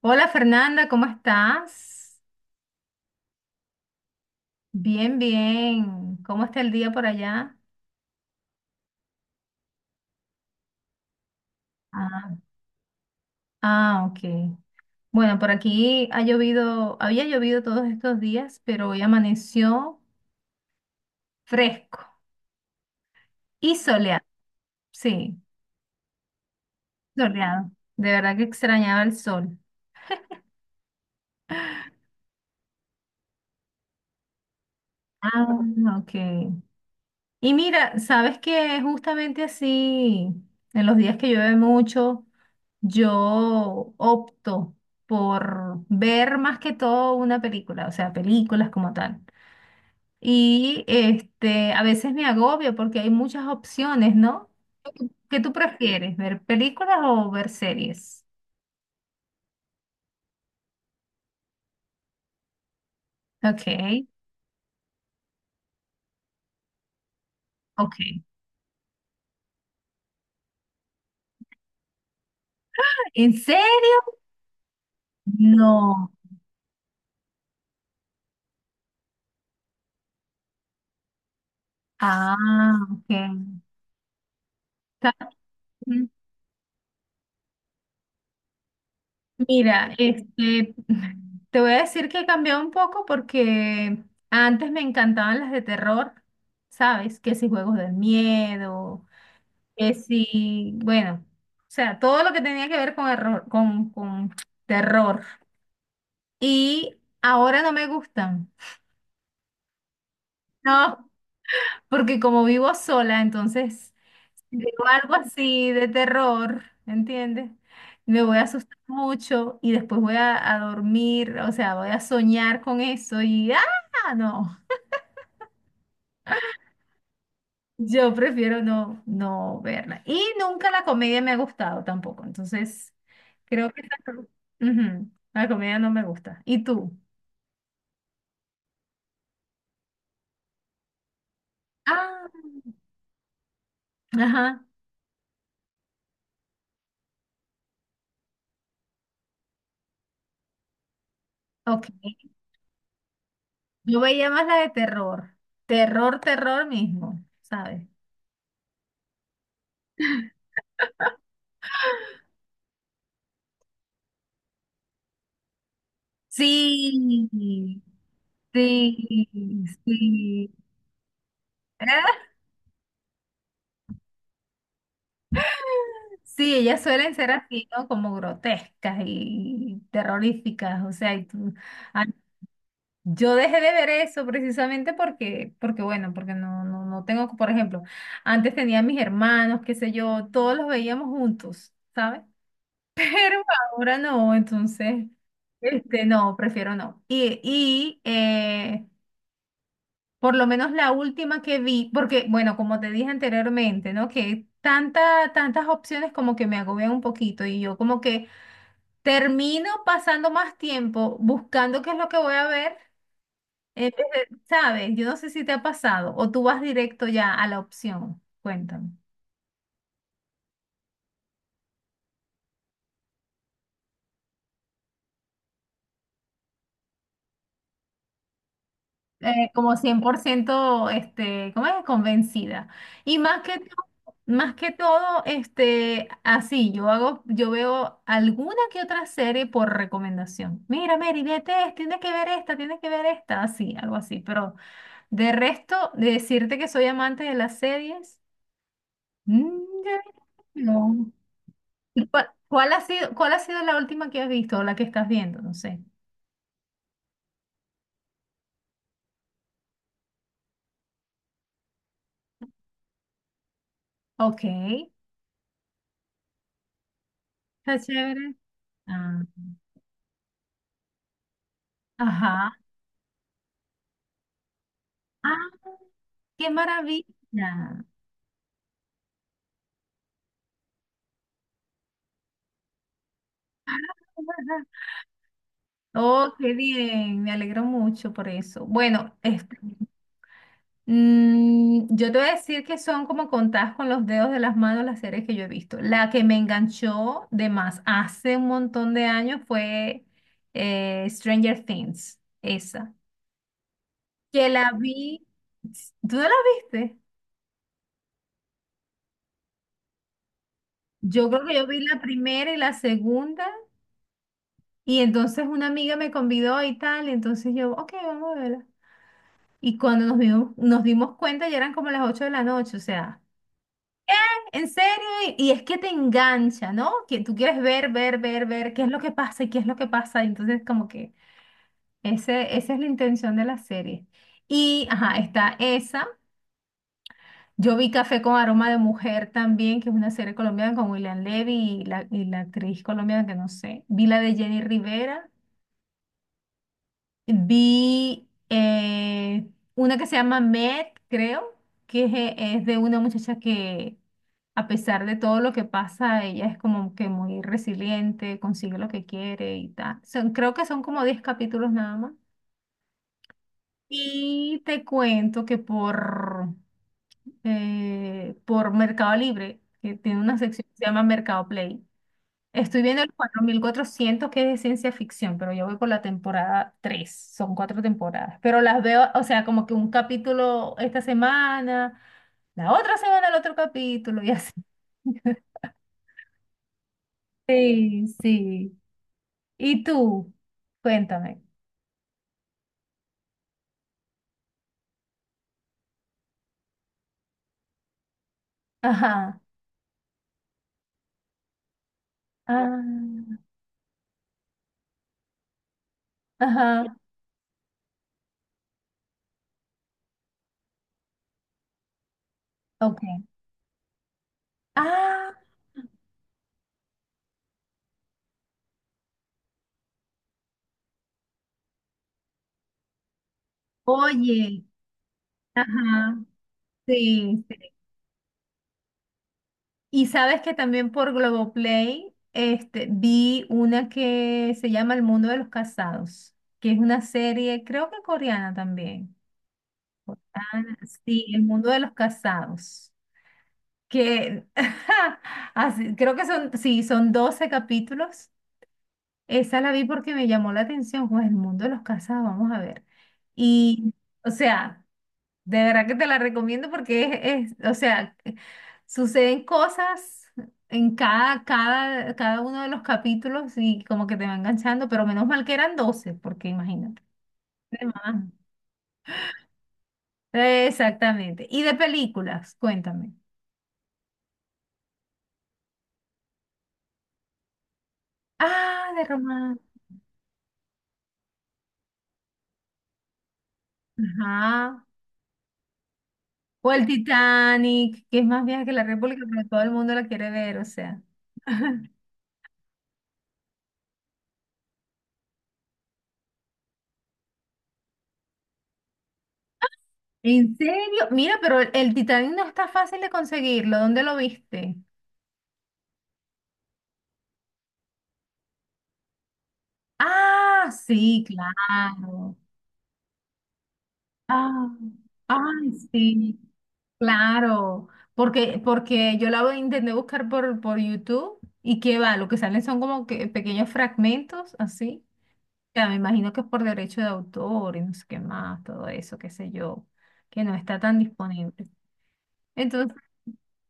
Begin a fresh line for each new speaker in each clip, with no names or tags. Hola Fernanda, ¿cómo estás? Bien, bien. ¿Cómo está el día por allá? Ah, ah, ok. Bueno, por aquí ha llovido, había llovido todos estos días, pero hoy amaneció fresco y soleado. Sí, soleado. De verdad que extrañaba el sol. Ah, ok. Y mira, sabes que justamente así, en los días que llueve mucho, yo opto por ver más que todo una película, o sea, películas como tal. Y este, a veces me agobio porque hay muchas opciones, ¿no? ¿Qué tú prefieres, ver películas o ver series? Ok, ok. ¿En serio? No. Ah, ok. Mira, este, te voy a decir que he cambiado un poco porque antes me encantaban las de terror, ¿sabes? Que si juegos del miedo, que si, bueno, o sea, todo lo que tenía que ver con error, con terror. Y ahora no me gustan, ¿no? Porque como vivo sola, entonces digo algo así de terror, ¿entiendes? Me voy a asustar mucho y después voy a dormir, o sea, voy a soñar con eso y ¡ah! No, yo prefiero no verla. Y nunca la comedia me ha gustado tampoco, entonces creo que esa- Ujú, la comedia no me gusta. ¿Y tú? Ah, ajá, ok. Yo veía más la de terror, terror, terror mismo, ¿sabes? Sí, sí, sí. Sí, ellas suelen ser así, ¿no? Como grotescas y terroríficas, o sea, ah, yo dejé de ver eso precisamente porque, bueno, porque no, no, no tengo, por ejemplo, antes tenía mis hermanos, qué sé yo, todos los veíamos juntos, ¿sabes? Pero ahora no, entonces, este, no, prefiero no. Por lo menos la última que vi, porque, bueno, como te dije anteriormente, ¿no? Que tanta, tantas opciones como que me agobian un poquito y yo como que termino pasando más tiempo buscando qué es lo que voy a ver, ¿sabes? Yo no sé si te ha pasado o tú vas directo ya a la opción. Cuéntame. Como 100% este, ¿cómo es? Convencida. Y más que todo, este, así, yo hago, yo veo alguna que otra serie por recomendación. Mira, Mary, vete esta, tienes que ver esta, tienes que ver esta, así, algo así. Pero de resto, de decirte que soy amante de las series, mm, ya no. ¿Y cuál ha sido la última que has visto o la que estás viendo? No sé. Ok, está chévere. Ah, ajá. Ah. ¡Qué maravilla! Oh, qué bien, me alegro mucho por eso. Bueno, este, yo te voy a decir que son como contadas con los dedos de las manos las series que yo he visto. La que me enganchó de más hace un montón de años fue Stranger Things, esa, que la vi, ¿tú no la viste? Yo creo que yo vi la primera y la segunda, y entonces una amiga me convidó y tal, y entonces yo, ok, vamos a verla. Y cuando nos dimos cuenta ya eran como las 8 de la noche, o sea, en serio, y, es que te engancha, ¿no? Que tú quieres ver, ver, ver, ver qué es lo que pasa y qué es lo que pasa. Y entonces, como que esa es la intención de la serie. Y, ajá, está esa. Yo vi Café con Aroma de Mujer también, que es una serie colombiana con William Levy y la actriz colombiana que no sé. Vi la de Jenny Rivera. Vi una que se llama Med, creo, que es es de una muchacha que, a pesar de todo lo que pasa, ella es como que muy resiliente, consigue lo que quiere y tal. Creo que son como 10 capítulos nada más. Y te cuento que por Mercado Libre, que tiene una sección que se llama Mercado Play, estoy viendo el 4400, que es de ciencia ficción, pero yo voy por la temporada tres. Son cuatro temporadas, pero las veo, o sea, como que un capítulo esta semana, la otra semana el otro capítulo y así. Sí, sí. ¿Y tú? Cuéntame. Ajá. Ah, ajá. Ok. Ah, oye. Ajá. Sí, y sabes que también por Globoplay este, vi una que se llama El Mundo de los Casados, que es una serie, creo que coreana también. Ah, sí, El Mundo de los Casados, que así, creo que son, sí, son 12 capítulos. Esa la vi porque me llamó la atención, pues El Mundo de los Casados, vamos a ver. Y, o sea, de verdad que te la recomiendo porque o sea, que suceden cosas en cada uno de los capítulos, y como que te va enganchando, pero menos mal que eran 12 porque imagínate. De más. Exactamente. Y de películas, cuéntame. Ah, de romance. Ajá. O el Titanic, que es más vieja que la República, pero todo el mundo la quiere ver, o sea. ¿En serio? Mira, pero el Titanic no está fácil de conseguirlo. ¿Dónde lo viste? Ah, sí, claro. Ah, ay, sí, claro. Porque, yo la voy intenté buscar por YouTube y qué va, lo que salen son como que pequeños fragmentos así. Ya me imagino que es por derecho de autor y no sé qué más, todo eso, qué sé yo, que no está tan disponible. Entonces,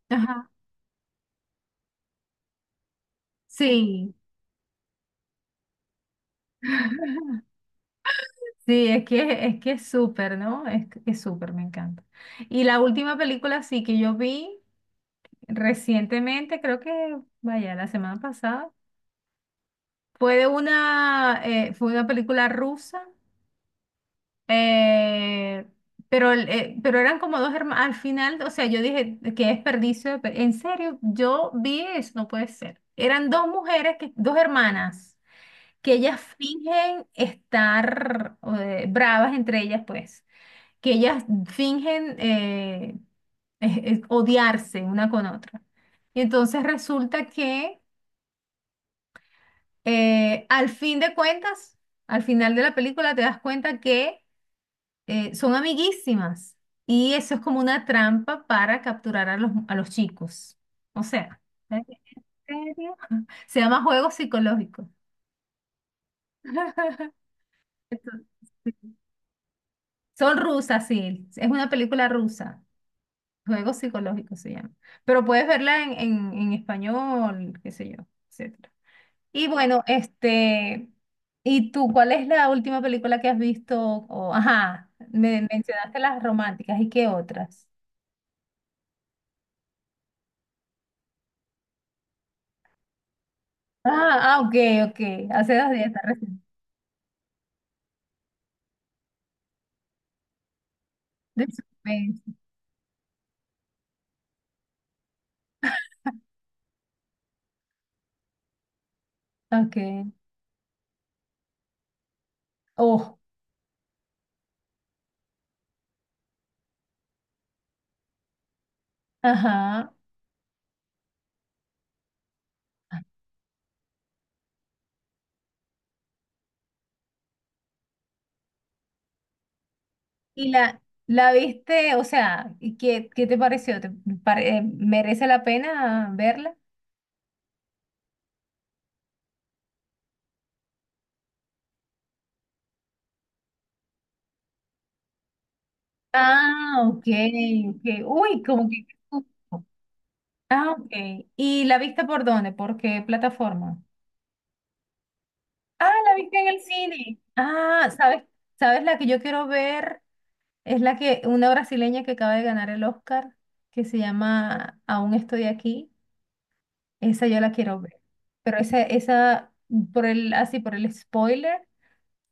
ajá, sí. Sí, es que es súper, ¿no? Que es súper, me encanta. Y la última película sí que yo vi. Recientemente, creo que, vaya, la semana pasada, fue una película rusa, eh, pero eran como dos hermanos, al final, o sea, yo dije, qué desperdicio, en serio, yo vi eso, no puede ser. Eran dos mujeres, dos hermanas, que ellas fingen estar bravas entre ellas, pues, que ellas fingen eh, odiarse una con otra. Y entonces resulta que al fin de cuentas, al final de la película te das cuenta que son amiguísimas, y eso es como una trampa para capturar a los chicos. O sea, ¿en serio? Se llama juego psicológico. Entonces, sí. Son rusas, sí. Es una película rusa. Juego psicológico se llama. Pero puedes verla en español, qué sé yo, etc. Y bueno, este, ¿y tú cuál es la última película que has visto? O, ajá, me mencionaste las románticas, ¿y qué otras? Ah, ah, ok, ok, hace 2 días está recién. De suspenso. Ok. Oh, ajá. ¿Y la viste? O sea, ¿y qué te pareció? ¿Merece la pena verla? Ah, ok, ok. Uy, como que, qué susto. Ah, ok. ¿Y la viste por dónde? ¿Por qué plataforma? Ah, la viste en el cine. Ah, ¿sabes? ¿Sabes la que yo quiero ver? Es la que una brasileña que acaba de ganar el Oscar, que se llama Aún estoy aquí. Esa yo la quiero ver. Pero esa, así por el spoiler,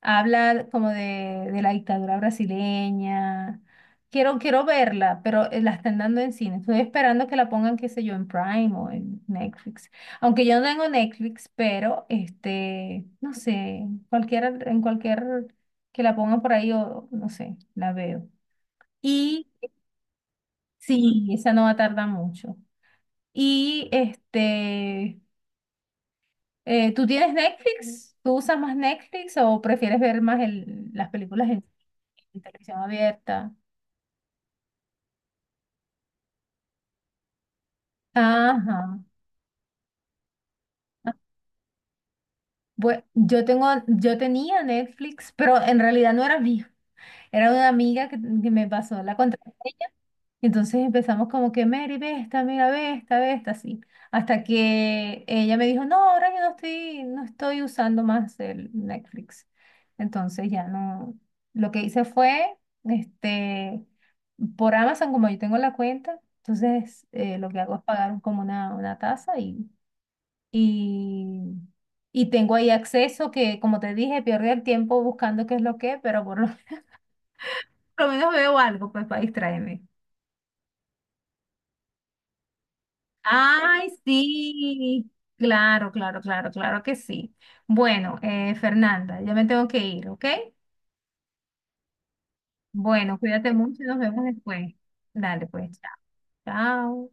habla como de la dictadura brasileña. Quiero verla, pero la están dando en cine. Estoy esperando que la pongan, qué sé yo, en Prime o en Netflix. Aunque yo no tengo Netflix, pero este, no sé, cualquiera, en cualquier que la pongan por ahí, o no sé, la veo. Y sí, esa no va a tardar mucho. Y este, ¿tú tienes Netflix? ¿Tú usas más Netflix o prefieres ver más las películas en televisión abierta? Ajá. Bueno, yo tenía Netflix, pero en realidad no era mío. Era una amiga que me pasó la contraseña. Entonces empezamos como que, Mary, ve esta, mira, ve esta, así. Hasta que ella me dijo, no, ahora yo no estoy usando más el Netflix. Entonces ya no. Lo que hice fue, este, por Amazon, como yo tengo la cuenta, entonces lo que hago es pagar como una tasa y y, y tengo ahí acceso que, como te dije, pierdo el tiempo buscando qué es lo que, pero por lo, por lo menos veo algo pues para distraerme. Ay, sí. Claro, claro, claro, claro que sí. Bueno, Fernanda, ya me tengo que ir, ¿ok? Bueno, cuídate mucho y nos vemos después. Dale, pues, chao. Chao.